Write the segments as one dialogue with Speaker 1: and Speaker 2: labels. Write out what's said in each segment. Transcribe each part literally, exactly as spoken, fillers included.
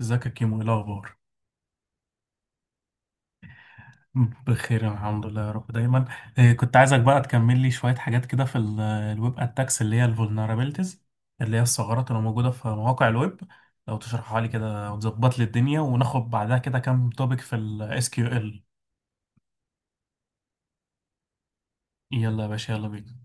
Speaker 1: ازيك يا كيمو؟ ايه الاخبار؟ بخير، الحمد لله، يا رب دايما. إيه، كنت عايزك بقى تكمل لي شويه حاجات كده في ال- الويب اتاكس اللي هي الفولنربيلتيز، اللي هي الثغرات اللي موجوده في مواقع الويب. لو تشرحها لي كده وتظبط لي الدنيا، وناخد بعدها كده كام توبيك في الاس كيو ال. يلا يا باشا، يلا بينا.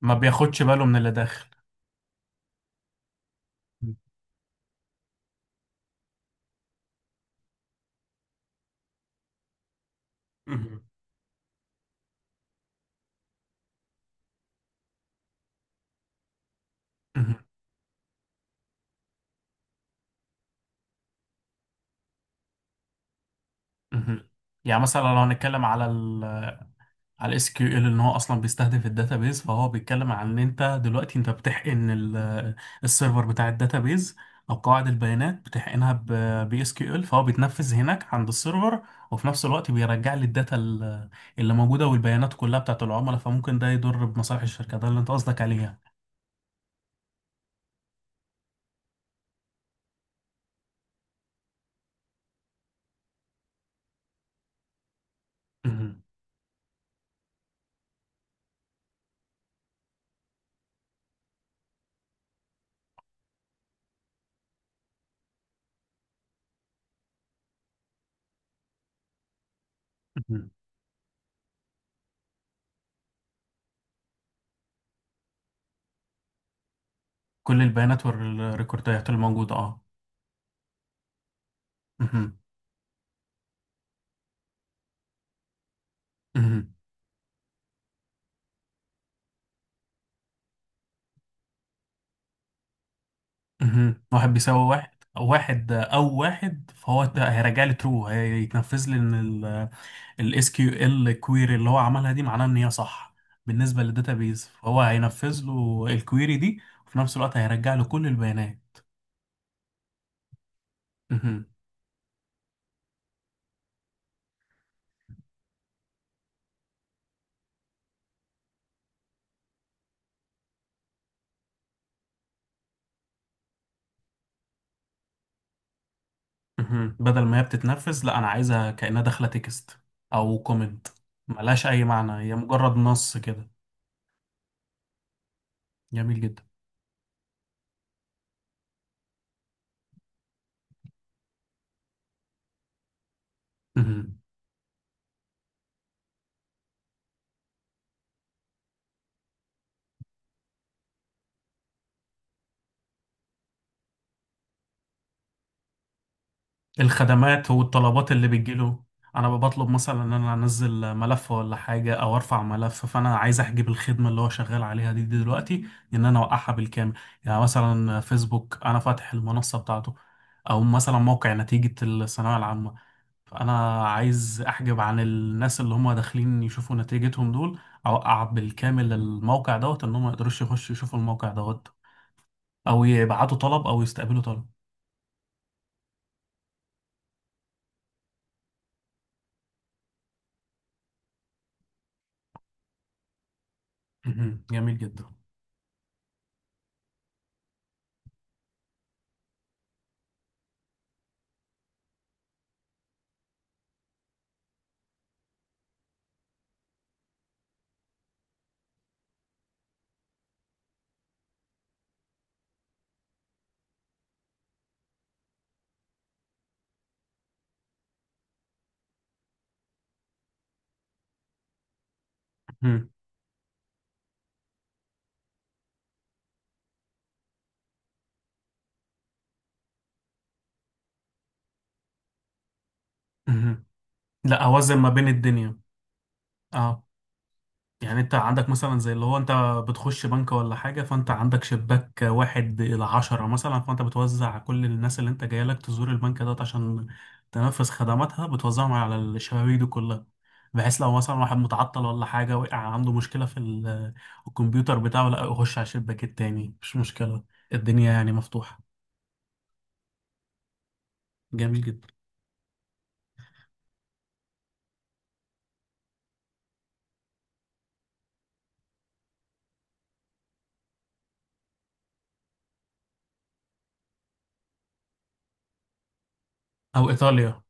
Speaker 1: ما بياخدش باله من اللي داخل. مهم. مهم. مهم. يعني مثلا لو هنتكلم على على الاس كيو ال، ان هو اصلا بيستهدف الداتابيز، فهو بيتكلم عن ان انت دلوقتي انت بتحقن ال- السيرفر بتاع الداتابيز، او قواعد البيانات بتحقنها بي اس كيو ال، فهو بيتنفذ هناك عند السيرفر، وفي نفس الوقت بيرجع لي الداتا ال- اللي موجوده، والبيانات كلها بتاعت العملاء، فممكن ده يضر بمصالح الشركه، ده اللي انت قصدك عليه يعني. مهم. مهم. كل البيانات والريكوردات اللي موجوده، اه. مهم. مهم. مهم. واحد بيساوي واحد. واحد او واحد، فهو ده هيرجع لي ترو، هيتنفذ لي ان الاس كيو ال كويري اللي هو عملها دي معناه ان هي صح بالنسبه للداتابيز، فهو هينفذ له الكويري دي. وفي نفس الوقت هيرجع له كل البيانات. مهم. مهم. بدل ما هي بتتنفذ، لا، انا عايزها كانها داخله تكست او كومنت. ملهاش اي معنى، هي مجرد نص كده. جميل جدا. مهم. الخدمات والطلبات اللي بتجيله. انا بطلب مثلا ان انا انزل ملف ولا حاجه او ارفع ملف، فانا عايز احجب الخدمه اللي هو شغال عليها دي, دي دلوقتي. ان انا اوقعها بالكامل. يعني مثلا فيسبوك، انا فاتح المنصه بتاعته، او مثلا موقع نتيجه الثانويه العامه، فانا عايز احجب عن الناس اللي هم داخلين يشوفوا نتيجتهم دول. اوقع بالكامل الموقع دوت، ان هم ما يقدروش يخشوا يشوفوا الموقع دوت، او يبعتوا طلب او يستقبلوا طلب. مهم. جميل جدا. مهم. مهم. لا، اوزن ما بين الدنيا. اه. يعني انت عندك مثلا زي اللي هو انت بتخش بنك ولا حاجه، فانت عندك شباك واحد الى عشرة مثلا، فانت بتوزع كل الناس اللي انت جاي لك تزور البنك دوت عشان تنفذ خدماتها، بتوزعهم على الشبابيك دي كلها، بحيث لو مثلا واحد متعطل ولا حاجه، وقع عنده مشكله في ال- الكمبيوتر بتاعه، لا، يخش على الشباك التاني، مش مشكله. الدنيا يعني مفتوحه. جميل جدا. او ايطاليا.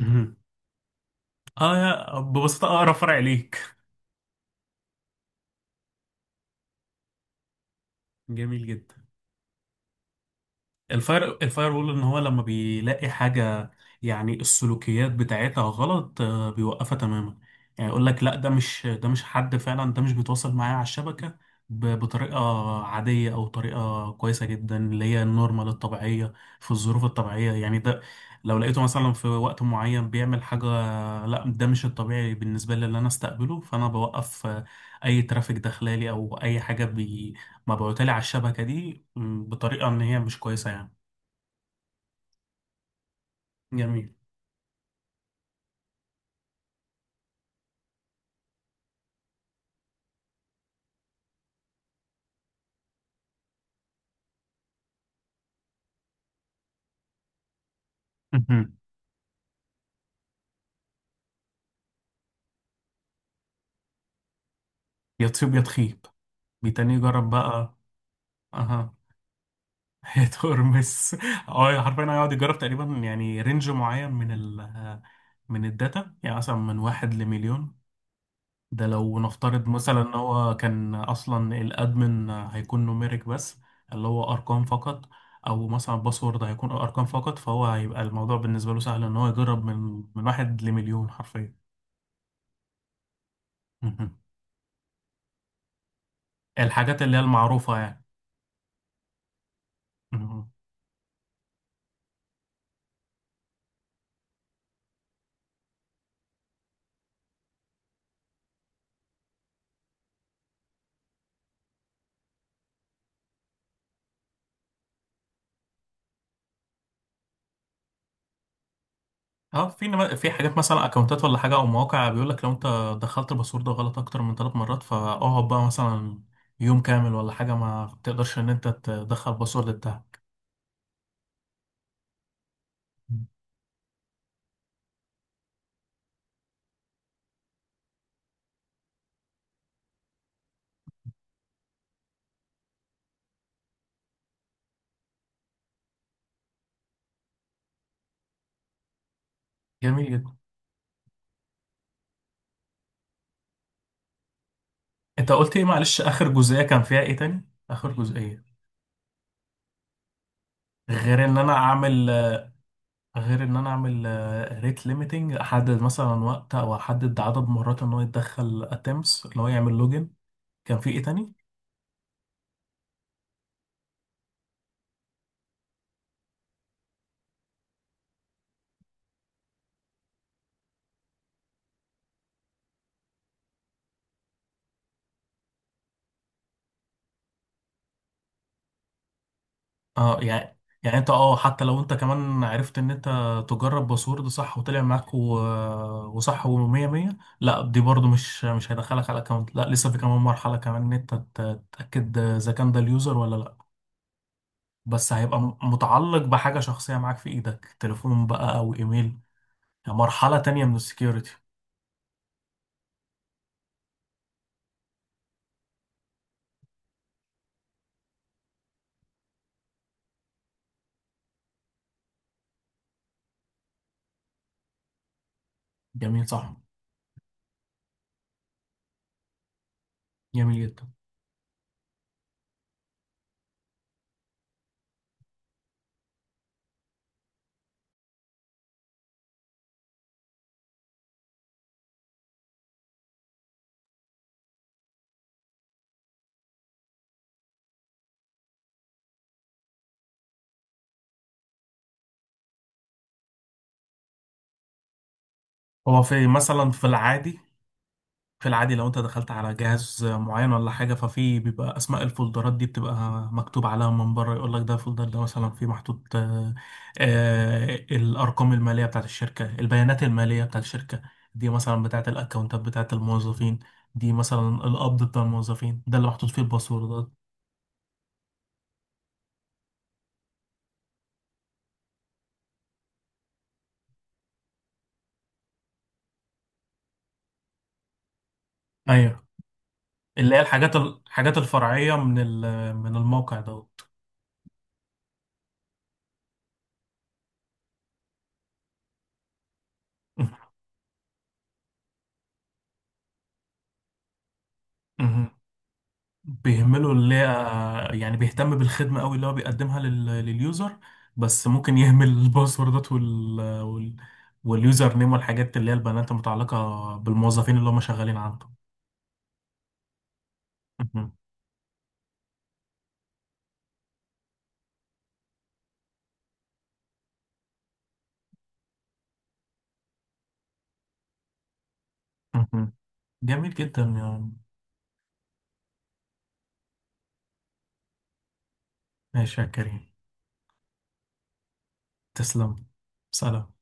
Speaker 1: مهم. اه، يا- ببساطه اقرب فرع ليك. جميل جدا. الفاير الفاير وول، ان هو لما بيلاقي حاجه، يعني السلوكيات بتاعتها غلط، آه، بيوقفها تماما. يعني يقول لك لا، ده مش ده مش حد فعلا، ده مش بيتواصل معايا على الشبكه ب- بطريقه عاديه او طريقه كويسه جدا، اللي هي النورمال الطبيعيه، في الظروف الطبيعيه يعني. ده لو لقيته مثلا في وقت معين بيعمل حاجه، لا، ده مش الطبيعي بالنسبه لي اللي انا استقبله، فانا بوقف آه، اي ترافيك داخلالي او اي حاجه ما بقولتلي على الشبكة دي مم، بطريقة إن هي مش كويسة يعني. جميل. مهم. يا تصيب يا تخيب. بيتاني يجرب بقى. أها. هي ترمس اه، حرفيا هيقعد يجرب تقريبا يعني رينج معين من ال من الداتا، يعني مثلا من واحد لمليون. ده لو نفترض مثلا ان هو كان اصلا الادمن، هيكون نوميريك بس، اللي هو ارقام فقط. او مثلا باسورد هيكون ارقام فقط، فهو هيبقى الموضوع بالنسبه له سهل، ان هو يجرب من من واحد لمليون حرفيا. الحاجات اللي هي المعروفة يعني. مم. اه، في نما- في حاجات مثلا اكونتات ولا حاجة او مواقع، بيقول لك لو انت دخلت الباسورد غلط اكتر من ثلاث مرات، فاقعد بقى مثلا يوم كامل ولا حاجة، ما تقدرش ان انت تدخل الباسورد بتاعك. مم. جميل جدا. انت قلت ايه؟ معلش، اخر جزئية كان فيها ايه تاني؟ اخر جزئية. غير ان انا اعمل غير ان انا اعمل ريت ليميتنج، احدد مثلا وقت او احدد عدد مرات ان هو يتدخل اتمس اللي هو يعمل لوجن. كان في ايه تاني؟ اه، يعني يعني انت، اه حتى لو انت كمان عرفت ان انت تجرب باسورد ده صح وطلع معاك و... وصح ومية مية، لا، دي برضو مش مش هيدخلك على الاكونت، لا، لسه في كمان مرحلة كمان، ان انت ت- تتأكد اذا كان ده اليوزر ولا لا. بس هيبقى م- متعلق بحاجة شخصية معاك في ايدك، تليفون بقى او ايميل. يعني مرحلة تانية من السكيورتي. جميل، صح. جميل جدا. هو في مثلا في العادي في العادي لو انت دخلت على جهاز معين ولا حاجة، ففي بيبقى اسماء الفولدرات دي بتبقى مكتوب عليها من بره، يقول لك ده الفولدر ده مثلا فيه محطوط آه، آه، الارقام المالية بتاعت الشركة، البيانات المالية بتاعت الشركة، دي مثلا بتاعت الاكونتات بتاعت الموظفين، دي مثلا القبض بتاع الموظفين، ده اللي محطوط فيه الباسوردات. ايوه. اللي هي الحاجات الحاجات الفرعية من ال- من الموقع دوت. بيهملوا اللي هي، يعني بيهتم بالخدمة قوي اللي هو بيقدمها لل... لليوزر. بس ممكن يهمل الباسوردات وال... وال... واليوزر نيم والحاجات اللي هي البيانات المتعلقة بالموظفين اللي هم شغالين عنده. مهم. مهم. جميل جدا يعني. ماشي يا كريم. تسلم. سلام.